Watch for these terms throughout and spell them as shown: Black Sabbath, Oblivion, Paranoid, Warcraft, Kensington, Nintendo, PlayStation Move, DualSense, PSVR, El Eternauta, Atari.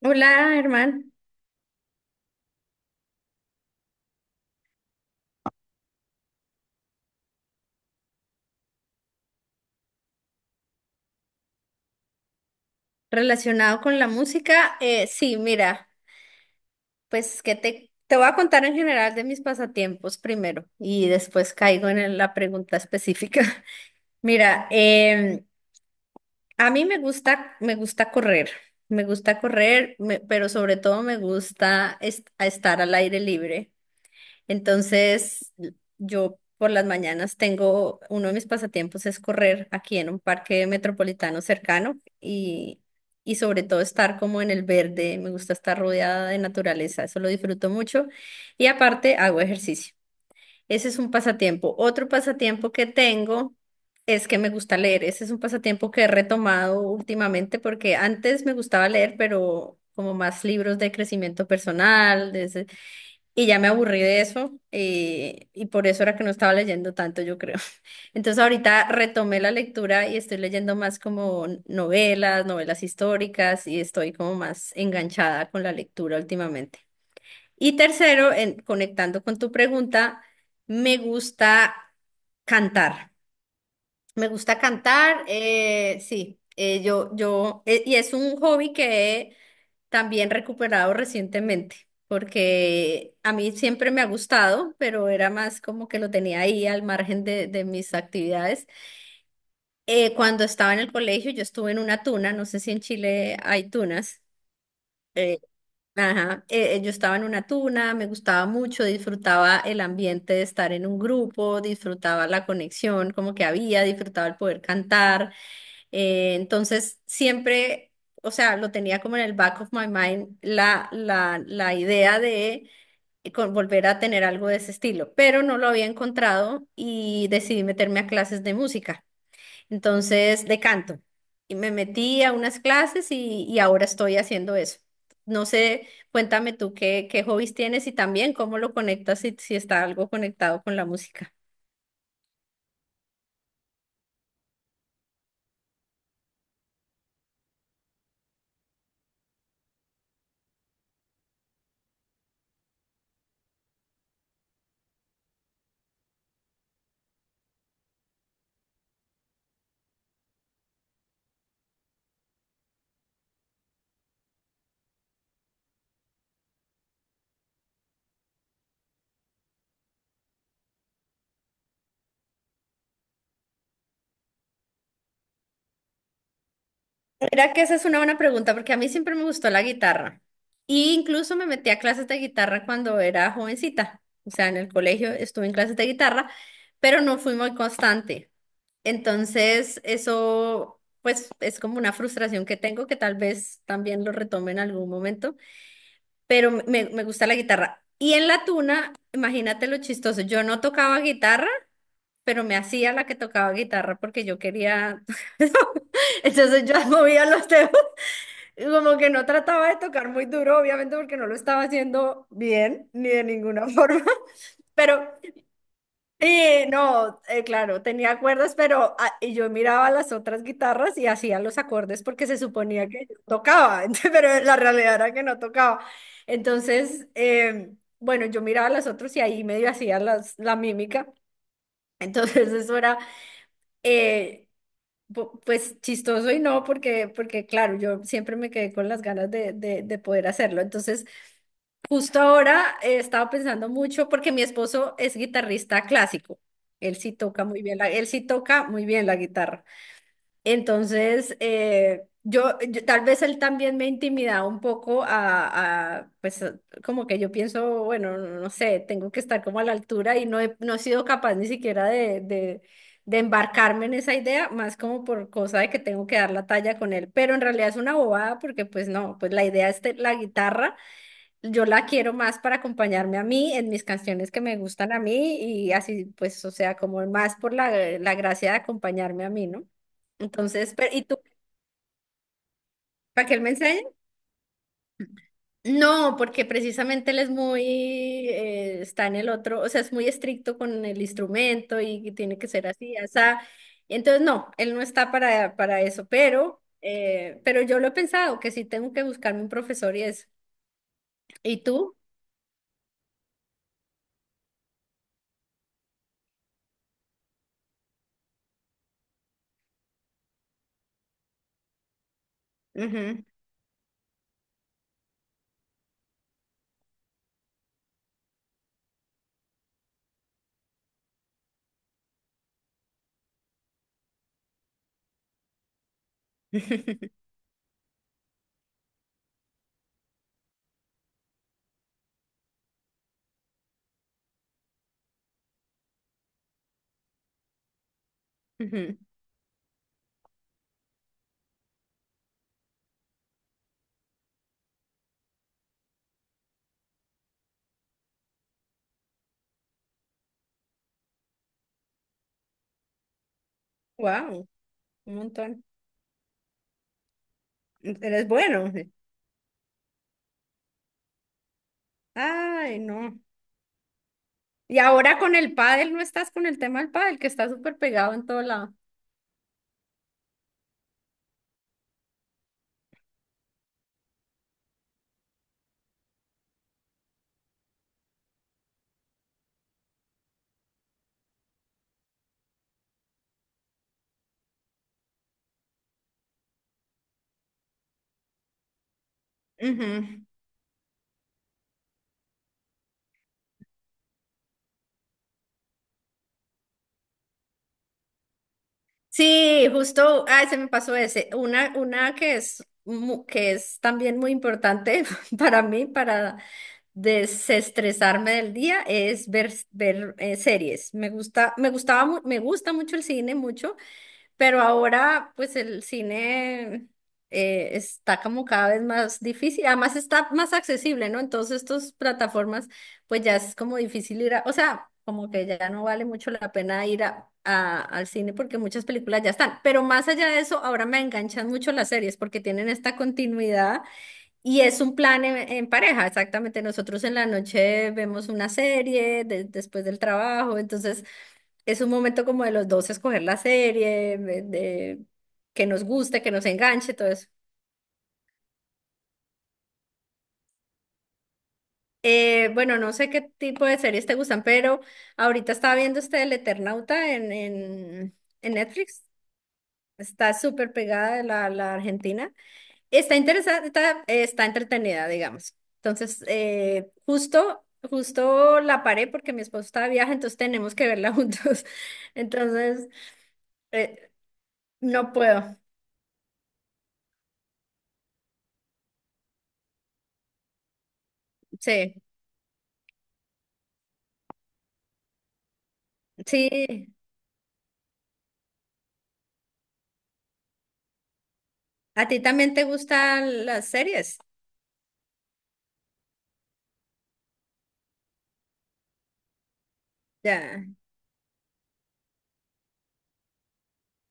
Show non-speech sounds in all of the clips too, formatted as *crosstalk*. Hola, hermano. Relacionado con la música, sí, mira, pues que te voy a contar en general de mis pasatiempos primero y después caigo en la pregunta específica. *laughs* Mira, a mí me gusta correr, me gusta correr, pero sobre todo me gusta estar al aire libre. Entonces, yo por las mañanas tengo, uno de mis pasatiempos es correr aquí en un parque metropolitano cercano y sobre todo estar como en el verde, me gusta estar rodeada de naturaleza, eso lo disfruto mucho y aparte hago ejercicio. Ese es un pasatiempo. Otro pasatiempo que tengo es que me gusta leer. Ese es un pasatiempo que he retomado últimamente porque antes me gustaba leer, pero como más libros de crecimiento personal, y ya me aburrí de eso, y por eso era que no estaba leyendo tanto, yo creo. *laughs* Entonces ahorita retomé la lectura y estoy leyendo más como novelas, novelas históricas, y estoy como más enganchada con la lectura últimamente. Y tercero, conectando con tu pregunta, me gusta cantar. Me gusta cantar, sí, y es un hobby que he también recuperado recientemente, porque a mí siempre me ha gustado, pero era más como que lo tenía ahí al margen de mis actividades. Cuando estaba en el colegio, yo estuve en una tuna, no sé si en Chile hay tunas. eh, ajá, yo estaba en una tuna, me gustaba mucho, disfrutaba el ambiente de estar en un grupo, disfrutaba la conexión como que había, disfrutaba el poder cantar. Entonces, siempre, o sea, lo tenía como en el back of my mind la idea de volver a tener algo de ese estilo, pero no lo había encontrado y decidí meterme a clases de música. Entonces, de canto. Y me metí a unas clases y ahora estoy haciendo eso. No sé, cuéntame tú qué hobbies tienes y también cómo lo conectas si, si está algo conectado con la música. Era que esa es una buena pregunta porque a mí siempre me gustó la guitarra. Y incluso me metí a clases de guitarra cuando era jovencita. O sea, en el colegio estuve en clases de guitarra, pero no fui muy constante. Entonces, eso pues es como una frustración que tengo que tal vez también lo retome en algún momento, pero me gusta la guitarra. Y en la tuna, imagínate lo chistoso, yo no tocaba guitarra, pero me hacía la que tocaba guitarra porque yo quería. *laughs* Entonces yo movía los dedos como que no trataba de tocar muy duro, obviamente porque no lo estaba haciendo bien, ni de ninguna *laughs* forma, pero sí, no, claro, tenía cuerdas, pero ah, y yo miraba las otras guitarras y hacía los acordes porque se suponía que yo tocaba, *laughs* pero la realidad era que no tocaba. Entonces, bueno, yo miraba a las otras y ahí medio hacía la mímica, entonces eso era... eh, pues chistoso y no, porque, porque claro, yo siempre me quedé con las ganas de poder hacerlo. Entonces, justo ahora he estado pensando mucho porque mi esposo es guitarrista clásico. Él sí toca muy bien la guitarra. Entonces, tal vez él también me intimidaba un poco pues como que yo pienso, bueno, no, no sé, tengo que estar como a la altura y no he sido capaz ni siquiera de embarcarme en esa idea, más como por cosa de que tengo que dar la talla con él, pero en realidad es una bobada porque pues no, pues la idea es la guitarra yo la quiero más para acompañarme a mí en mis canciones que me gustan a mí y así, pues, o sea, como más por la gracia de acompañarme a mí, ¿no? Entonces, pero, ¿y tú? ¿Para qué él me enseña? No, porque precisamente él es está en el otro, o sea, es muy estricto con el instrumento y que tiene que ser así, o sea, entonces no, él no está para eso, pero yo lo he pensado, que sí tengo que buscarme un profesor y eso. ¿Y tú? Ujú. *laughs* Wow. Un montón. Eres bueno. Ay, no. Y ahora con el pádel, no estás con el tema del pádel, que está súper pegado en todo lado. Ujú. Sí, justo, ay, se me pasó ese. Una que es, que es también muy importante *laughs* para mí, para desestresarme del día, es ver series. Me gusta, me gustaba, mu- me gusta mucho el cine, mucho. Pero ahora, pues el cine está como cada vez más difícil, además está más accesible, ¿no? Entonces, estas plataformas, pues ya es como difícil ir a, o sea, como que ya no vale mucho la pena ir a, al cine porque muchas películas ya están. Pero más allá de eso, ahora me enganchan mucho las series porque tienen esta continuidad y es un plan en pareja, exactamente. Nosotros en la noche vemos una serie después del trabajo, entonces es un momento como de los dos escoger la serie, que nos guste, que nos enganche, todo eso. Bueno, no sé qué tipo de series te gustan, pero ahorita estaba viendo este El Eternauta en Netflix. Está súper pegada de la Argentina. Está interesante, está, está entretenida, digamos. Entonces, justo, justo la paré porque mi esposo está de viaje, entonces tenemos que verla juntos. *laughs* Entonces, eh, no puedo. Sí, sí. ¿A ti también te gustan las series? Ya,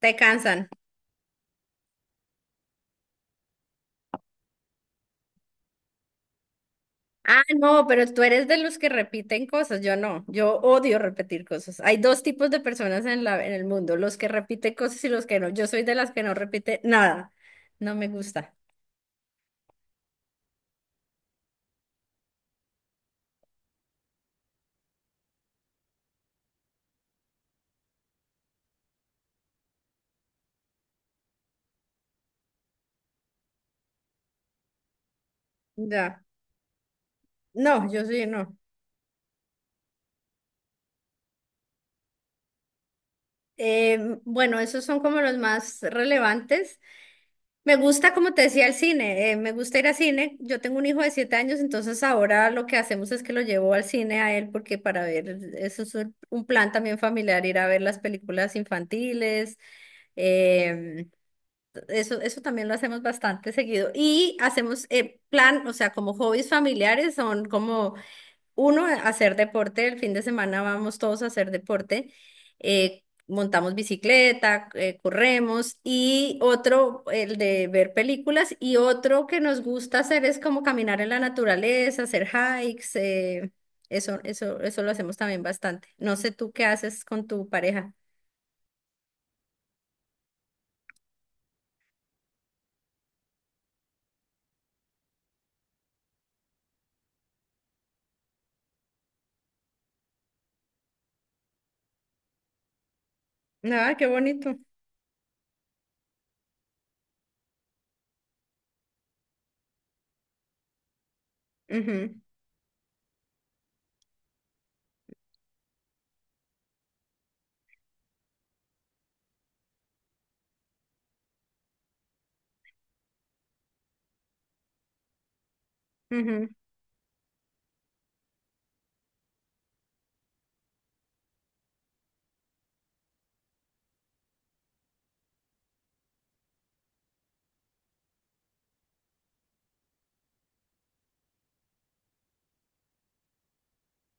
te cansan. Ah, no, pero tú eres de los que repiten cosas, yo no, yo odio repetir cosas. Hay dos tipos de personas en la, en el mundo, los que repiten cosas y los que no. Yo soy de las que no repite nada, no me gusta. Ya, no, yo sí, no. Eh, bueno, esos son como los más relevantes. Me gusta, como te decía, el cine. Eh, me gusta ir al cine. Yo tengo un hijo de 7 años, entonces ahora lo que hacemos es que lo llevo al cine a él porque para ver, eso es un plan también familiar, ir a ver las películas infantiles. em, Eso, eso también lo hacemos bastante seguido. Y hacemos plan, o sea, como hobbies familiares son como uno, hacer deporte, el fin de semana vamos todos a hacer deporte, montamos bicicleta, corremos y otro, el de ver películas y otro que nos gusta hacer es como caminar en la naturaleza, hacer hikes, eso, eso, eso lo hacemos también bastante. No sé tú qué haces con tu pareja. Ah, qué bonito. Ujú, ujú.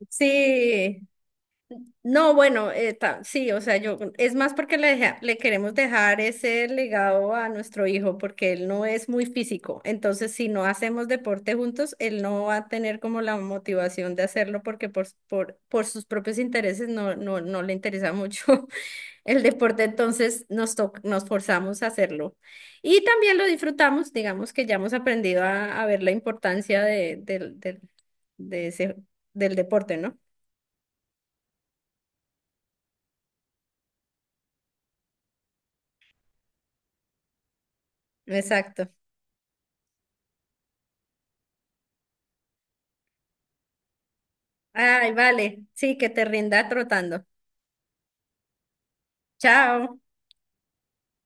Sí. No, bueno, sí, o sea, yo es más porque le queremos dejar ese legado a nuestro hijo porque él no es muy físico. Entonces, si no hacemos deporte juntos, él no va a tener como la motivación de hacerlo porque por sus propios intereses no, no le interesa mucho *laughs* el deporte. Entonces, nos forzamos a hacerlo. Y también lo disfrutamos, digamos que ya hemos aprendido a ver la importancia de ese, del deporte, ¿no? Exacto. Ay, vale. Sí, que te rinda trotando. Chao.